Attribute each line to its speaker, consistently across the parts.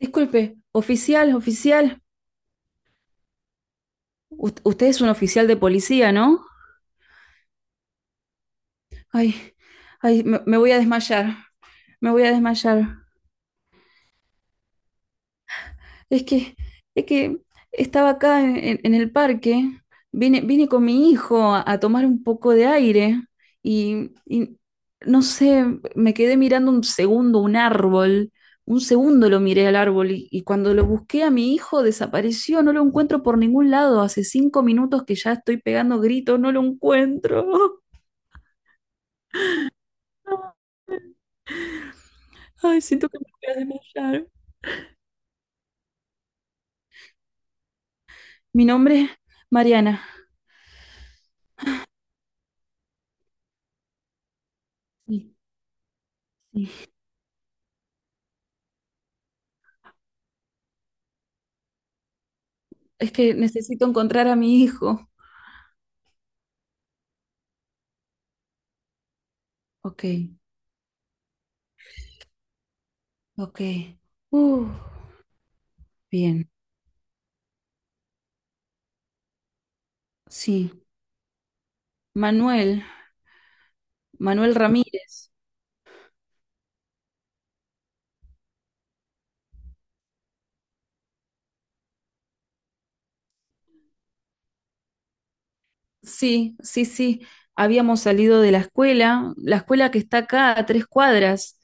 Speaker 1: Disculpe, oficial, oficial. Usted es un oficial de policía, ¿no? Ay, ay, me voy a desmayar. Me voy a desmayar. Es que, es que estaba acá en el parque, vine con mi hijo a tomar un poco de aire y no sé, me quedé mirando un segundo un árbol, un segundo lo miré al árbol y cuando lo busqué a mi hijo desapareció, no lo encuentro por ningún lado, hace 5 minutos que ya estoy pegando gritos, no lo encuentro. Ay, siento que me voy a desmayar. Mi nombre es Mariana. Sí, sí. Es que necesito encontrar a mi hijo. Ok, ok. Uh, bien. Sí. Manuel, Manuel Ramírez. Sí, sí, sí. Habíamos salido de la escuela que está acá a 3 cuadras,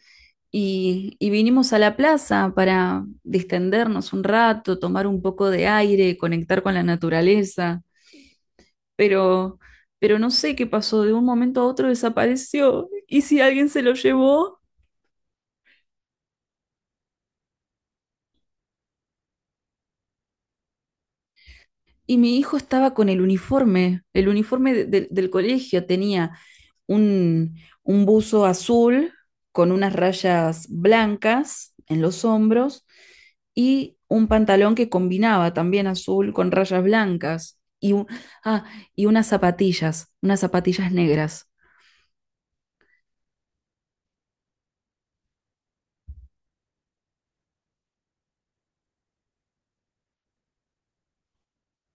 Speaker 1: y vinimos a la plaza para distendernos un rato, tomar un poco de aire, conectar con la naturaleza. Pero, pero no sé qué pasó, de un momento a otro desapareció. ¿Y si alguien se lo llevó? Y mi hijo estaba con el uniforme del colegio tenía. Un un, buzo azul con unas rayas blancas en los hombros y un pantalón que combinaba también azul con rayas blancas y, ah, y unas zapatillas negras.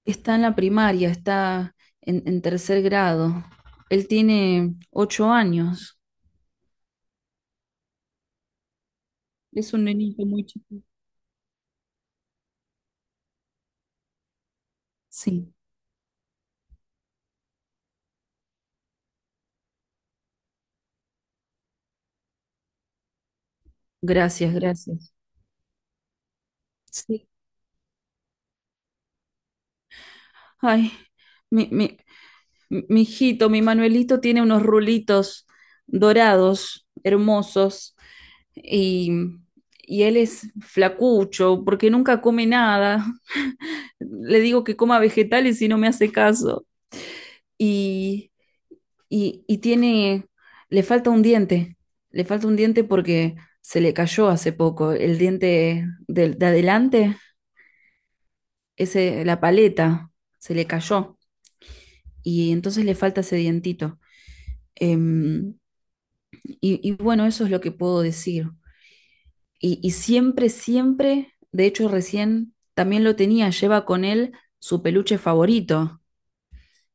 Speaker 1: Está en la primaria, está en tercer grado. Él tiene 8 años. Es un nenito muy chiquito. Sí, gracias, gracias. Sí. Ay, me, me- mi hijito, mi Manuelito tiene unos rulitos dorados, hermosos, y, y él es flacucho porque nunca come nada. Le digo que coma vegetales y no me hace caso. Y, y tiene, le falta un diente, le falta un diente porque se le cayó hace poco. El diente de adelante, ese, la paleta, se le cayó. Y entonces le falta ese dientito. Em, Y, bueno, eso es lo que puedo decir. Y siempre, siempre, de hecho recién también lo tenía, lleva con él su peluche favorito.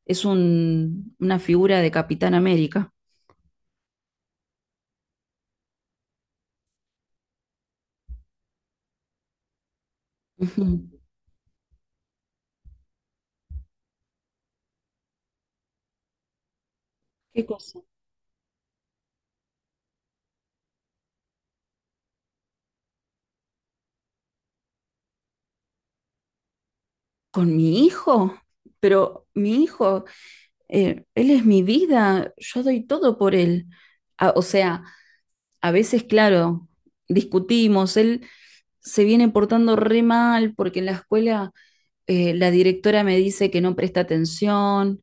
Speaker 1: Es una figura de Capitán América. Ujú. ¿Qué cosa? ¿Con mi hijo? Pero mi hijo, él es mi vida, yo doy todo por él. A- o sea, a veces, claro, discutimos, él se viene portando re mal porque en la escuela la directora me dice que no presta atención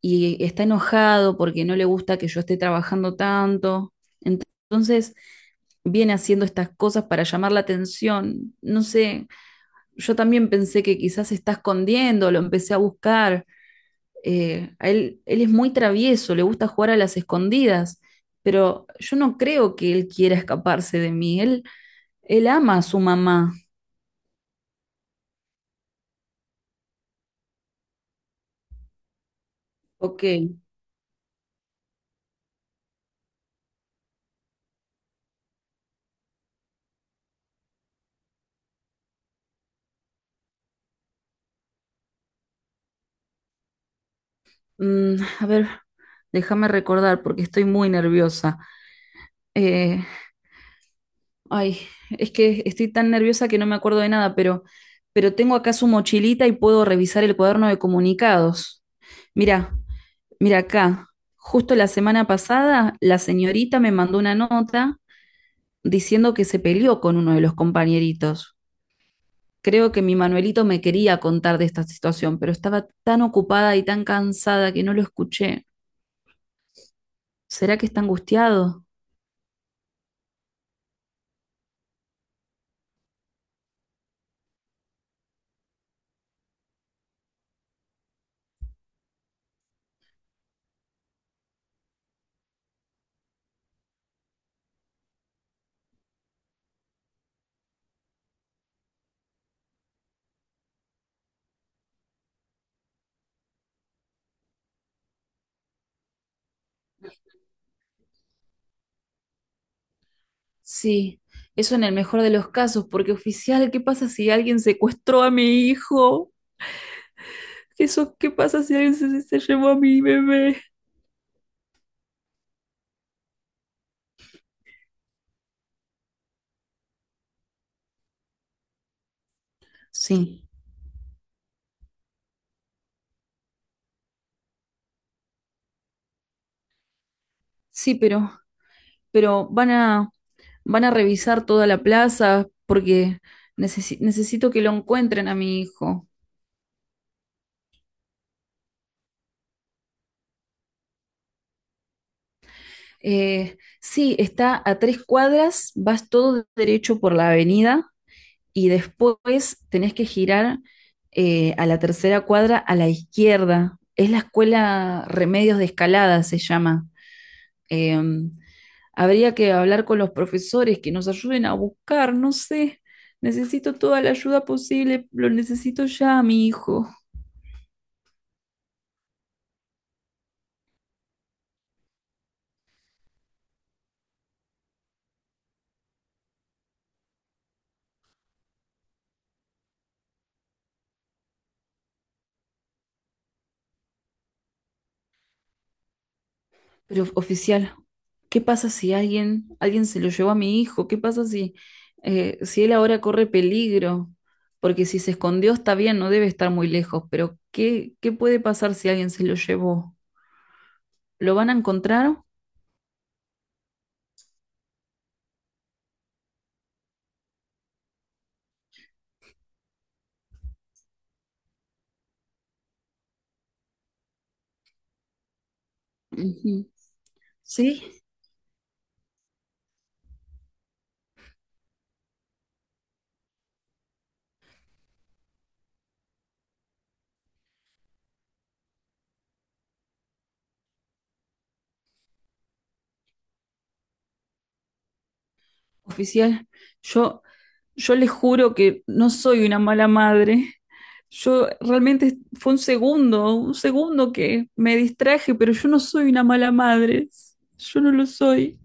Speaker 1: y está enojado porque no le gusta que yo esté trabajando tanto. Ent- Entonces, viene haciendo estas cosas para llamar la atención. No sé, yo también pensé que quizás se está escondiendo, lo empecé a buscar. Él es muy travieso, le gusta jugar a las escondidas, pero yo no creo que él quiera escaparse de mí. Él ama a su mamá. Ok. Mm, a ver, déjame recordar porque estoy muy nerviosa. Eh, ay, es que estoy tan nerviosa que no me acuerdo de nada, pero tengo acá su mochilita y puedo revisar el cuaderno de comunicados. Mira, mira acá. Justo la semana pasada, la señorita me mandó una nota diciendo que se peleó con uno de los compañeritos. Creo que mi Manuelito me quería contar de esta situación, pero estaba tan ocupada y tan cansada que no lo escuché. ¿Será que está angustiado? Sí, eso en el mejor de los casos, porque oficial, ¿qué pasa si alguien secuestró a mi hijo? Eso, ¿qué pasa si alguien se llevó a mi bebé? Sí, sí, pero van van a revisar toda la plaza porque necesito que lo encuentren a mi hijo. Sí, está a 3 cuadras, vas todo derecho por la avenida y después tenés que girar a la tercera cuadra a la izquierda. Es la escuela Remedios de Escalada, se llama. Eh, habría que hablar con los profesores que nos ayuden a buscar, no sé. Necesito toda la ayuda posible, lo necesito ya, mi hijo. Pero oficial, ¿qué pasa si alguien se lo llevó a mi hijo? ¿Qué pasa si, si él ahora corre peligro? Porque si se escondió está bien, no debe estar muy lejos, pero qué puede pasar si alguien se lo llevó? ¿Lo van a encontrar? Ujú. Sí, oficial, yo, yo le juro que no soy una mala madre. Yo realmente fue un segundo que me distraje, pero yo no soy una mala madre. Yo no lo soy.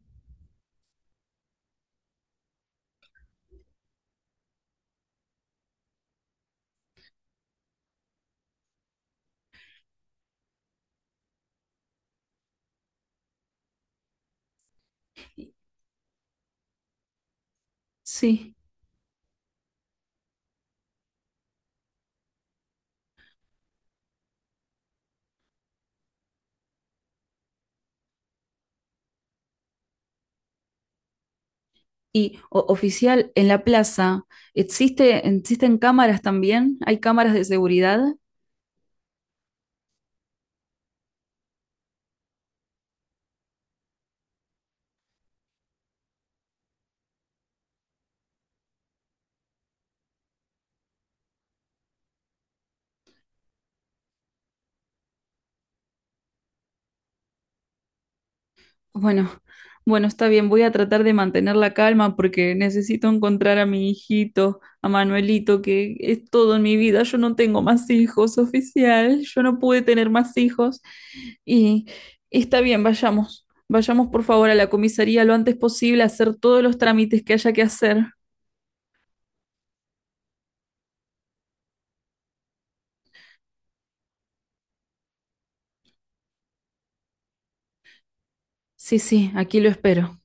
Speaker 1: Sí. Y oficial, en la plaza, existen cámaras también? ¿Hay cámaras de seguridad? Bueno, bueno, está bien, voy a tratar de mantener la calma porque necesito encontrar a mi hijito, a Manuelito, que es todo en mi vida. Yo no tengo más hijos, oficial. Yo no pude tener más hijos. Y está bien, vayamos. Vayamos por favor a la comisaría lo antes posible a hacer todos los trámites que haya que hacer. Sí, sí, aquí lo espero.